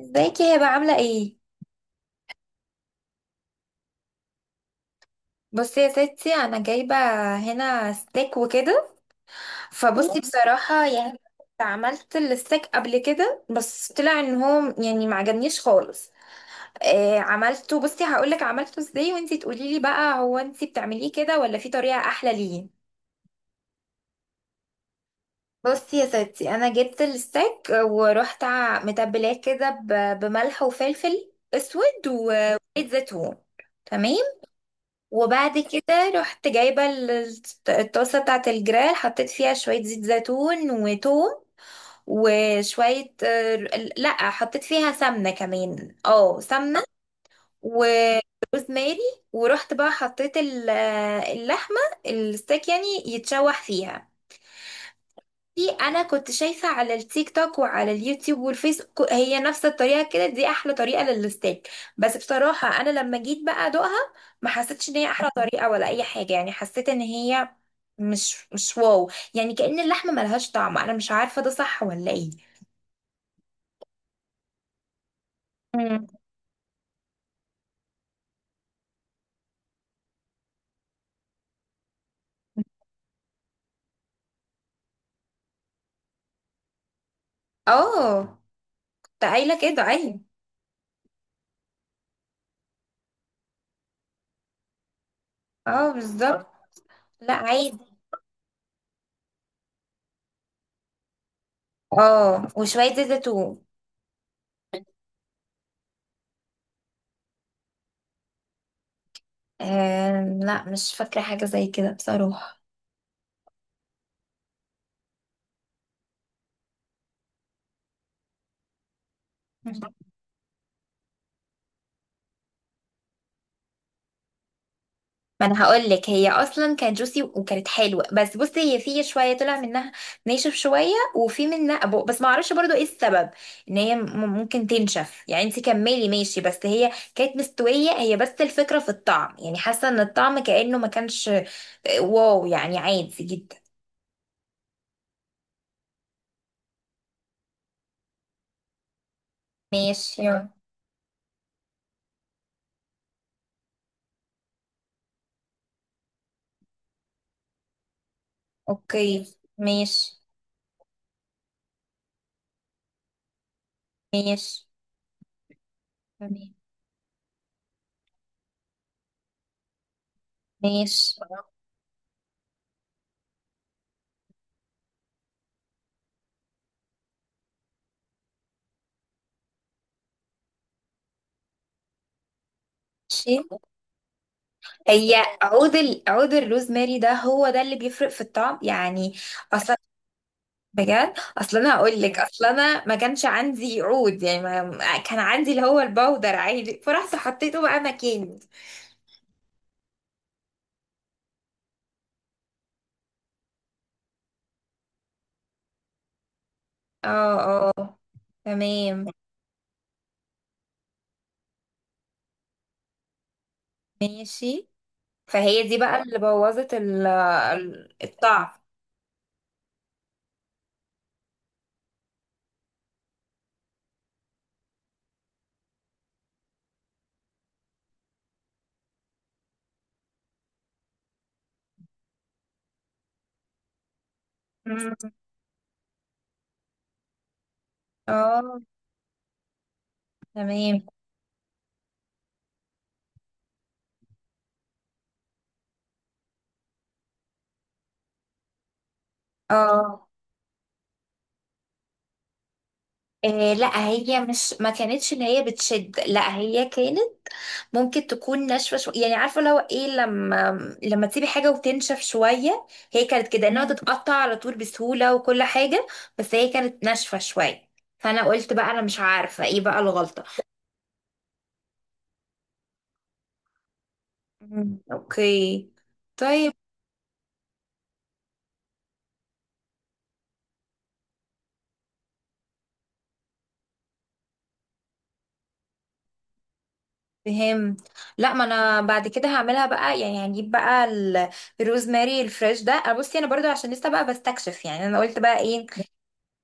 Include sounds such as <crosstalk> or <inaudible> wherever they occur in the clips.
ازيك يا بقى، عاملة ايه؟ بصي يا ستي، انا جايبة هنا ستيك وكده. فبصي بصراحة يعني، عملت الستيك قبل كده، بس طلع ان هو يعني ما عجبنيش خالص. آه، عملته. بصي هقولك عملته ازاي وانتي تقوليلي بقى، هو انتي بتعمليه كده ولا في طريقة احلى؟ ليه؟ بصي يا ستي، انا جبت الستيك ورحت متبلاه كده بملح وفلفل اسود وزيت زيتون. تمام. وبعد كده رحت جايبة الطاسة بتاعة الجريل، حطيت فيها شوية زيت زيتون وتوم. وشوية لا، حطيت فيها سمنة كمان، اه سمنة. وروزماري. ورحت بقى حطيت اللحمة، الستيك يعني، يتشوح فيها. دي انا كنت شايفه على التيك توك وعلى اليوتيوب والفيس، هي نفس الطريقه كده، دي احلى طريقه للستيك. بس بصراحه انا لما جيت بقى ادوقها، ما حسيتش ان هي احلى طريقه ولا اي حاجه، يعني حسيت ان هي مش واو، يعني كأن اللحمه ملهاش طعم، انا مش عارفه ده صح ولا ايه. مم. اه، ده قايله كده، ايوه. اه، بالظبط. لا، عادي. اه، وشويه زيت زيتون. آه لا، مش فاكره حاجه زي كده بصراحه. ما انا هقول لك، هي اصلا كانت جوسي وكانت حلوه، بس بصي هي في شويه طلع منها ناشف شويه، وفي منها أبو، بس ما اعرفش برضو ايه السبب. ان هي ممكن تنشف يعني، انت كملي ماشي، بس هي كانت مستويه، هي بس الفكره في الطعم يعني، حاسه ان الطعم كانه ما كانش واو، يعني عادي جدا. ماشي، يلا. اوكي، ماشي. ماشي. تمام. ماشي. ماشي. هي عود الروزماري ده، هو ده اللي بيفرق في الطعم يعني. أصل. بجد، اصل انا هقول لك، اصل انا ما كانش عندي عود يعني، ما كان عندي، اللي هو البودر عادي، فرحت حطيته بقى مكاني. اه اه، تمام. ماشي. فهي دي بقى اللي بوظت الطعم. مم. اه، تمام. اه آه، لا هي مش، ما كانتش اللي هي بتشد، لا هي كانت، ممكن تكون ناشفه شويه يعني، عارفه لو ايه، لما تسيبي حاجه وتنشف شويه. هي كانت كده انها، تتقطع على طول بسهوله وكل حاجه. بس هي كانت ناشفه شويه، فانا قلت بقى، انا مش عارفه ايه بقى الغلطه. مم، اوكي. طيب. فهمت. لا، ما انا بعد كده هعملها بقى يعني، هجيب بقى الروزماري الفريش ده. أنا بصي، انا برضو عشان لسه بقى بستكشف يعني، انا قلت بقى ايه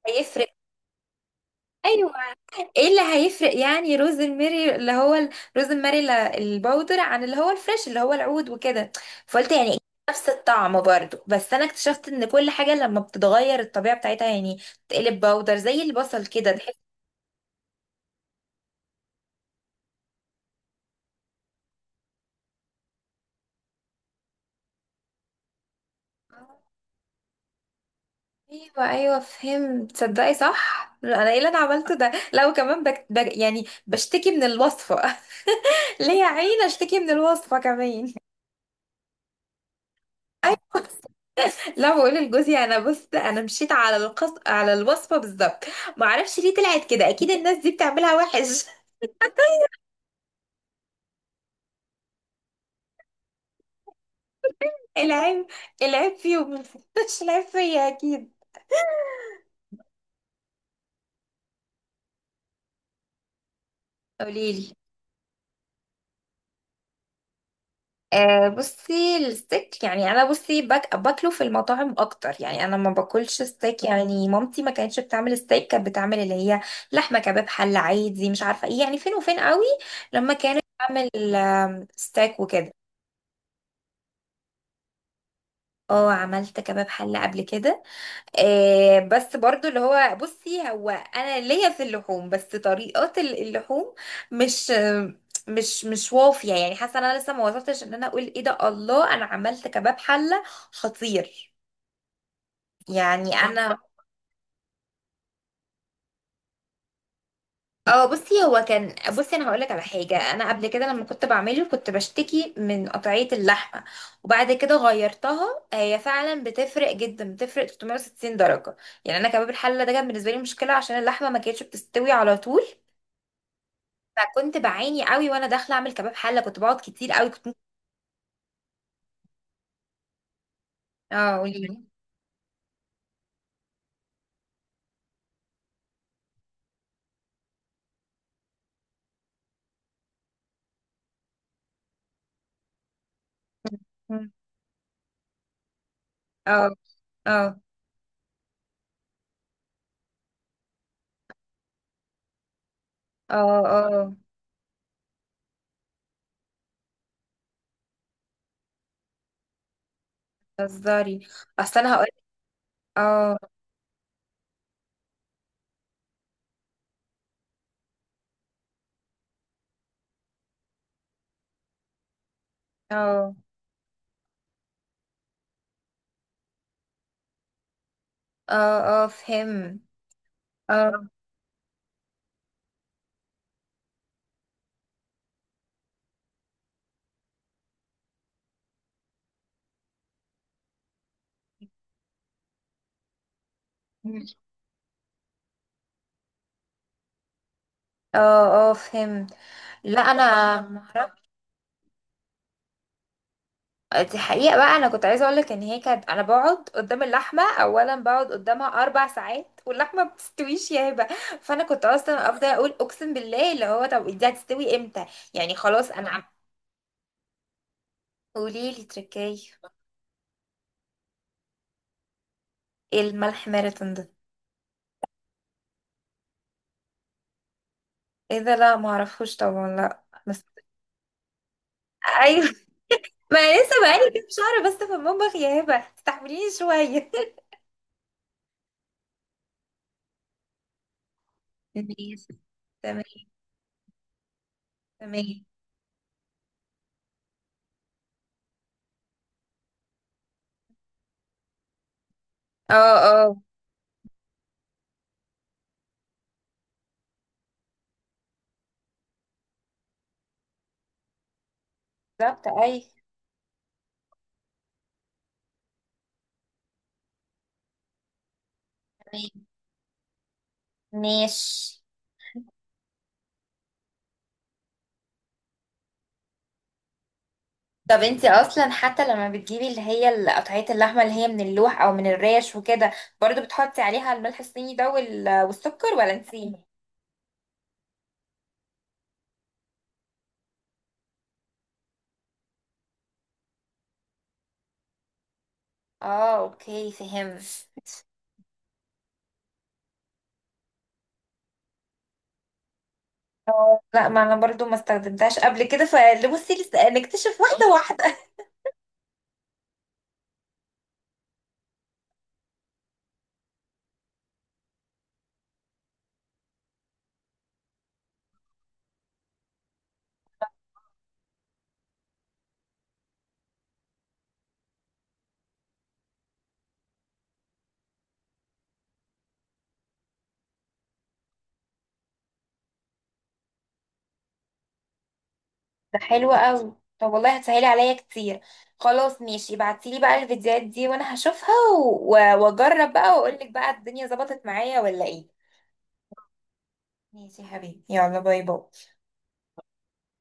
هيفرق؟ أيوة. ايه اللي هيفرق يعني؟ روز الميري اللي هو روز الميري الباودر، عن اللي هو الفريش اللي هو العود وكده. فقلت يعني إيه، نفس الطعم برضو. بس انا اكتشفت ان كل حاجة لما بتتغير الطبيعة بتاعتها يعني، تقلب باودر زي البصل كده تحس. ايوه ايوه، فهمت. تصدقي صح، انا ايه اللي انا عملته ده، لو كمان يعني بشتكي من الوصفة! <laughs> ليه يا عيني اشتكي من الوصفة كمان؟ <laughs> لا، بقول لجوزي انا، بص انا مشيت على على الوصفه بالظبط. ما اعرفش ليه طلعت كده، اكيد الناس دي بتعملها وحش. <laughs> العيب، العيب فيهم. <laughs> مش العيب فيا اكيد. قوليلي. آه، بصي الستيك يعني، انا بصي باكله في المطاعم اكتر، يعني انا ما باكلش ستيك، يعني مامتي ما كانتش بتعمل ستيك، كانت بتعمل اللي هي لحمه كباب حله عادي، مش عارفه ايه يعني، فين وفين قوي لما كانت بتعمل ستيك وكده. اه، عملت كباب حله قبل كده. آه بس برضو اللي هو، بصي هو انا ليا في اللحوم بس، طريقات اللحوم مش مش وافيه، يعني حاسه انا لسه ما وصلتش ان انا اقول ايه ده، الله انا عملت كباب حله خطير يعني! انا، اه، بصي هو كان، بصي انا هقولك على حاجه. انا قبل كده لما كنت بعمله كنت بشتكي من قطعيه اللحمه، وبعد كده غيرتها، هي فعلا بتفرق جدا، بتفرق 360 درجه. يعني انا كباب الحله ده كان بالنسبه لي مشكله، عشان اللحمه ما كانتش بتستوي على طول. فكنت بعاني قوي وانا داخله اعمل كباب حله، كنت بقعد كتير قوي، كنت اه، قولي لي. <laughs> مم. اه اه اه اه. بتهزري. اصل انا هقول، اه اه اه اه، فهم. اه، مم، اه اه، فهم. لا، انا معرفش. دي حقيقة بقى، انا كنت عايزة اقولك ان هي كانت، انا بقعد قدام اللحمة اولا، بقعد قدامها اربع ساعات واللحمة ما بتستويش يا هبة. فانا كنت اصلا افضل اقول اقسم بالله، اللي هو طب دي هتستوي امتى؟ يعني خلاص انا، قوليلي تركاية. ايه الملح ماراثون ده؟ ايه ده؟ لا معرفوش طبعا، لا بس، ايوه. <laughs> ما أنا لسه بقالي كام شهر بس في المطبخ يا هبه، استحمليني شويه. <laughs> ماشي. تمام. تمام. اه اه، بالظبط، اي. تمام. ماشي. طب انتي اصلا حتى لما بتجيبي اللي هي قطعية اللحمة اللي هي من اللوح او من الريش وكده، برضو بتحطي عليها الملح الصيني ده والسكر، ولا انتي؟ اه، اوكي، فهمت. اه، لا، ما انا برضو ما استخدمتهاش قبل كده، فبصي لسه نكتشف واحده واحده. <laughs> ده حلو قوي، طب والله هتسهلي عليا كتير. خلاص ماشي، ابعتيلي بقى الفيديوهات دي وانا هشوفها و- واجرب بقى واقولك بقى، الدنيا ظبطت معايا ولا ايه. ماشي يا حبيبي، يلا، باي باي.